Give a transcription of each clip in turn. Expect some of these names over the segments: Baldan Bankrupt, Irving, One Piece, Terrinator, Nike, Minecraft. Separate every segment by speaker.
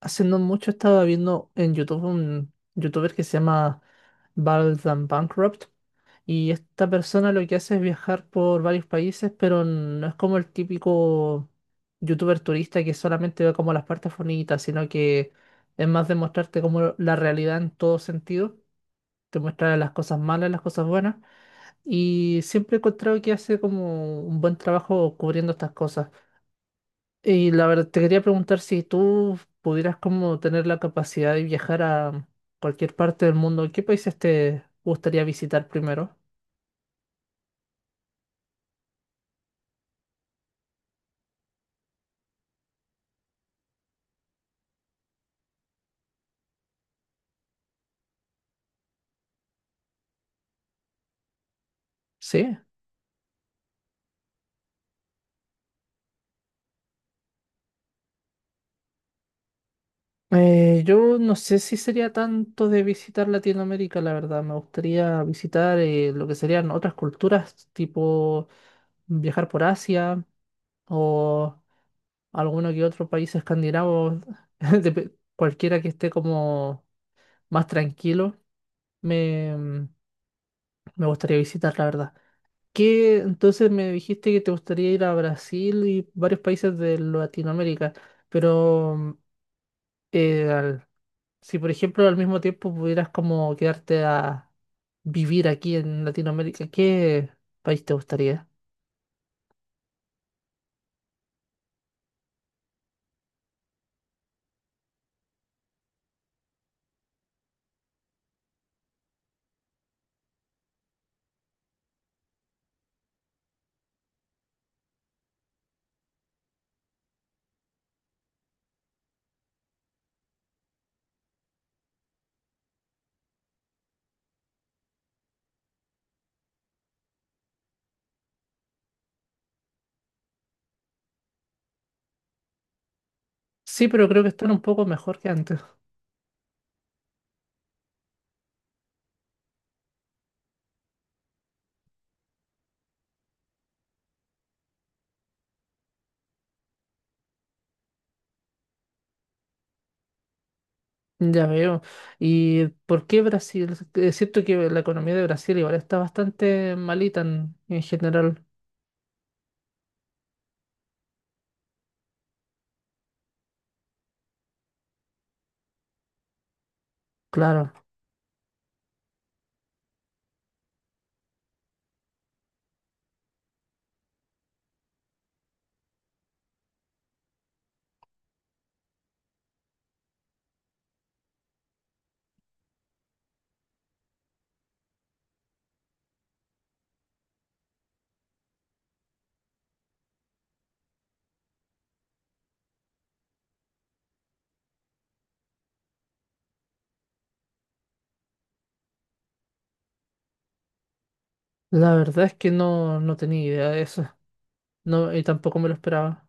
Speaker 1: Hace no mucho estaba viendo en YouTube un youtuber que se llama Baldan Bankrupt y esta persona lo que hace es viajar por varios países, pero no es como el típico youtuber turista que solamente ve como las partes bonitas, sino que es más de mostrarte como la realidad en todo sentido, te muestra las cosas malas, las cosas buenas y siempre he encontrado que hace como un buen trabajo cubriendo estas cosas. Y la verdad, te quería preguntar si tú pudieras como tener la capacidad de viajar a cualquier parte del mundo, ¿qué países te gustaría visitar primero? Sí. Yo no sé si sería tanto de visitar Latinoamérica, la verdad. Me gustaría visitar lo que serían otras culturas, tipo viajar por Asia o alguno que otro país escandinavo, cualquiera que esté como más tranquilo, me gustaría visitar, la verdad. ¿Qué? Entonces me dijiste que te gustaría ir a Brasil y varios países de Latinoamérica, pero eh, al- si por ejemplo al mismo tiempo pudieras como quedarte a vivir aquí en Latinoamérica, ¿qué país te gustaría? Sí, pero creo que están un poco mejor que antes. Ya veo. ¿Y por qué Brasil? Es cierto que la economía de Brasil igual está bastante malita en general. Claro, la verdad es que no, no tenía idea de eso. No, y tampoco me lo esperaba.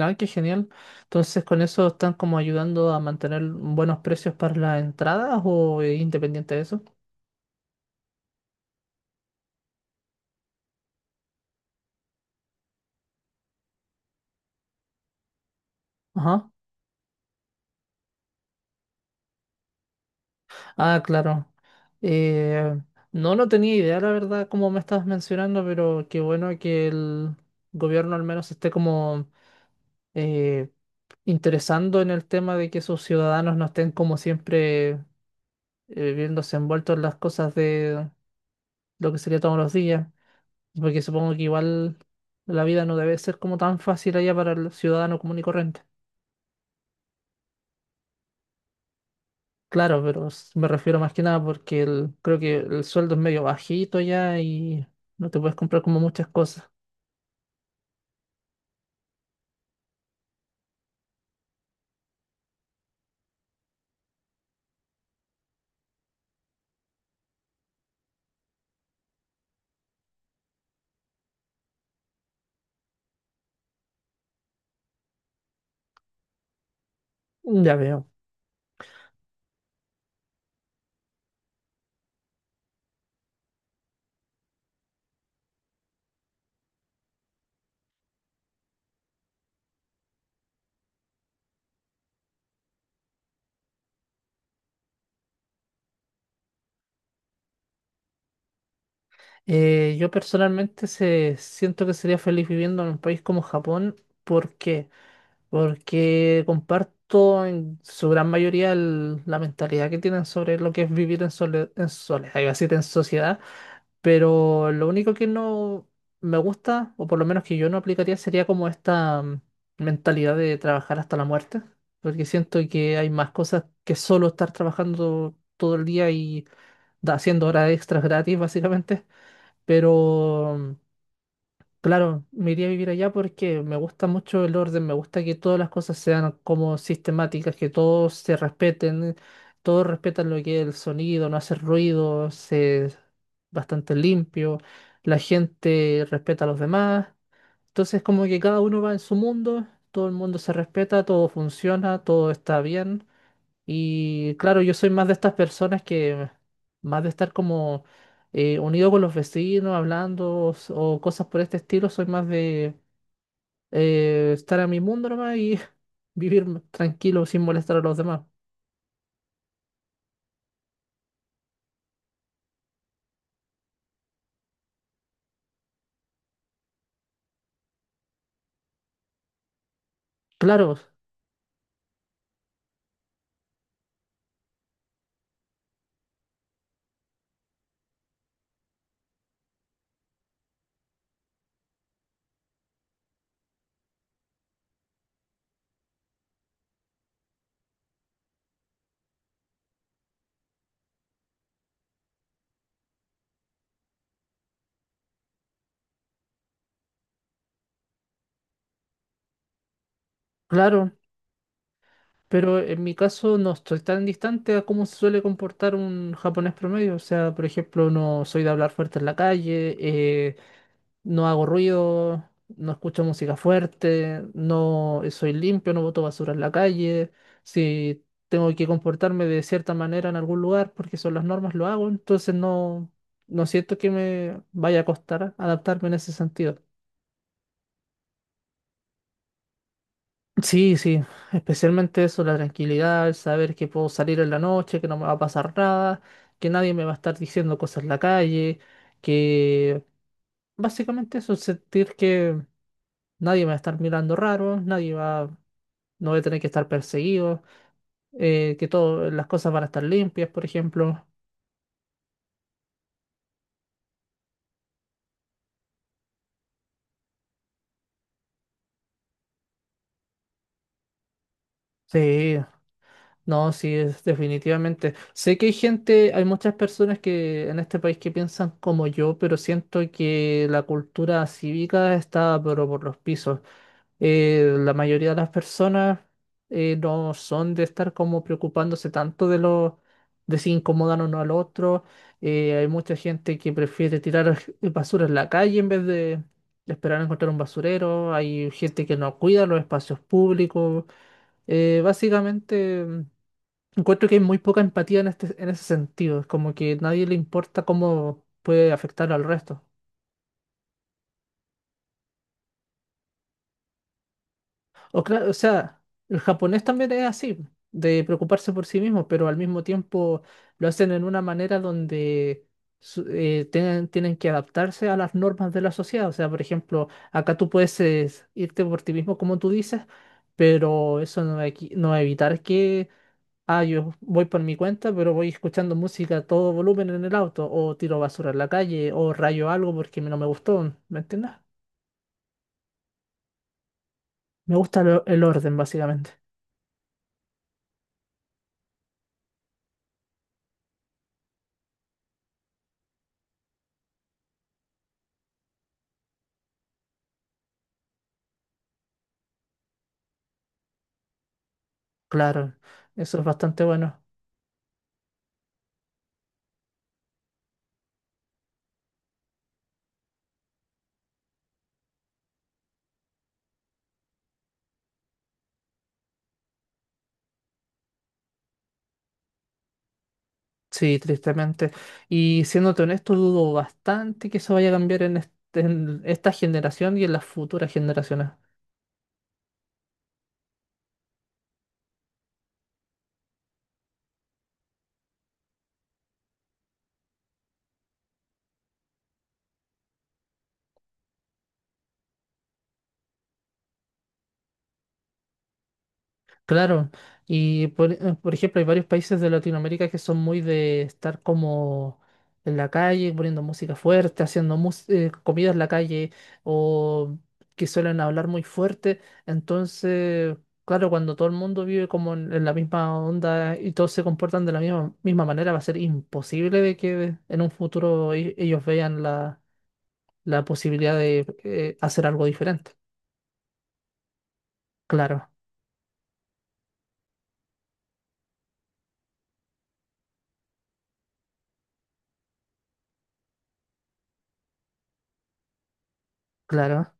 Speaker 1: Ah, qué genial. Entonces, ¿con eso están como ayudando a mantener buenos precios para las entradas o es independiente de eso? Ajá. Ah, claro. Eh, no, no tenía idea, la verdad, como me estabas mencionando, pero qué bueno que el gobierno al menos esté como eh, interesando en el tema de que sus ciudadanos no estén como siempre viéndose envueltos en las cosas de lo que sería todos los días. Porque supongo que igual la vida no debe ser como tan fácil allá para el ciudadano común y corriente. Claro, pero me refiero más que nada porque creo que el sueldo es medio bajito ya y no te puedes comprar como muchas cosas. Mm, ya veo. Yo personalmente siento que sería feliz viviendo en un país como Japón. ¿Por qué? Porque comparto en su gran mayoría la mentalidad que tienen sobre lo que es vivir en, en soledad, iba a decir en sociedad. Pero lo único que no me gusta, o por lo menos que yo no aplicaría, sería como esta mentalidad de trabajar hasta la muerte, porque siento que hay más cosas que solo estar trabajando todo el día y haciendo horas extras gratis, básicamente. Pero claro, me iría a vivir allá porque me gusta mucho el orden, me gusta que todas las cosas sean como sistemáticas, que todos se respeten, todos respetan lo que es el sonido, no hace ruido, es bastante limpio, la gente respeta a los demás, entonces como que cada uno va en su mundo, todo el mundo se respeta, todo funciona, todo está bien. Y claro, yo soy más de estas personas que más de estar como unido con los vecinos, hablando o cosas por este estilo, soy más de estar a mi mundo nomás y vivir tranquilo sin molestar a los demás. Claro, claro, pero en mi caso no estoy tan distante a cómo se suele comportar un japonés promedio. O sea, por ejemplo, no soy de hablar fuerte en la calle, no hago ruido, no escucho música fuerte, no soy limpio, no boto basura en la calle, si tengo que comportarme de cierta manera en algún lugar porque son las normas, lo hago, entonces no, no siento que me vaya a costar adaptarme en ese sentido. Sí, sí, especialmente eso, la tranquilidad, el saber que puedo salir en la noche, que no me va a pasar nada, que nadie me va a estar diciendo cosas en la calle, que básicamente eso, sentir que nadie me va a estar mirando raro, nadie va no voy a tener que estar perseguido, que todas las cosas van a estar limpias, por ejemplo. Sí, no, sí, es definitivamente. Sé que hay gente, hay muchas personas que en este país que piensan como yo, pero siento que la cultura cívica está pero por los pisos. La mayoría de las personas no son de estar como preocupándose tanto de los de si incomodan o no al otro. Hay mucha gente que prefiere tirar basura en la calle en vez de esperar a encontrar un basurero. Hay gente que no cuida los espacios públicos. Básicamente, encuentro que hay muy poca empatía en este, en ese sentido. Es como que nadie le importa cómo puede afectar al resto. O, o sea, el japonés también es así, de preocuparse por sí mismo, pero al mismo tiempo lo hacen en una manera donde tienen que adaptarse a las normas de la sociedad. O sea, por ejemplo, acá tú puedes irte por ti mismo, como tú dices, pero eso no va a no va a evitar que, ah, yo voy por mi cuenta, pero voy escuchando música a todo volumen en el auto, o tiro basura en la calle, o rayo algo porque no me gustó, ¿me entiendes? Me gusta el orden, básicamente. Claro, eso es bastante bueno. Sí, tristemente. Y siéndote honesto, dudo bastante que eso vaya a cambiar en, en esta generación y en las futuras generaciones. Claro, y por ejemplo hay varios países de Latinoamérica que son muy de estar como en la calle, poniendo música fuerte, haciendo comida en la calle o que suelen hablar muy fuerte. Entonces, claro, cuando todo el mundo vive como en la misma onda y todos se comportan de la misma manera, va a ser imposible de que en un futuro ellos vean la, la posibilidad de hacer algo diferente. Claro, claro.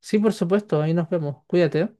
Speaker 1: Sí, por supuesto, ahí nos vemos. Cuídate. ¿Eh?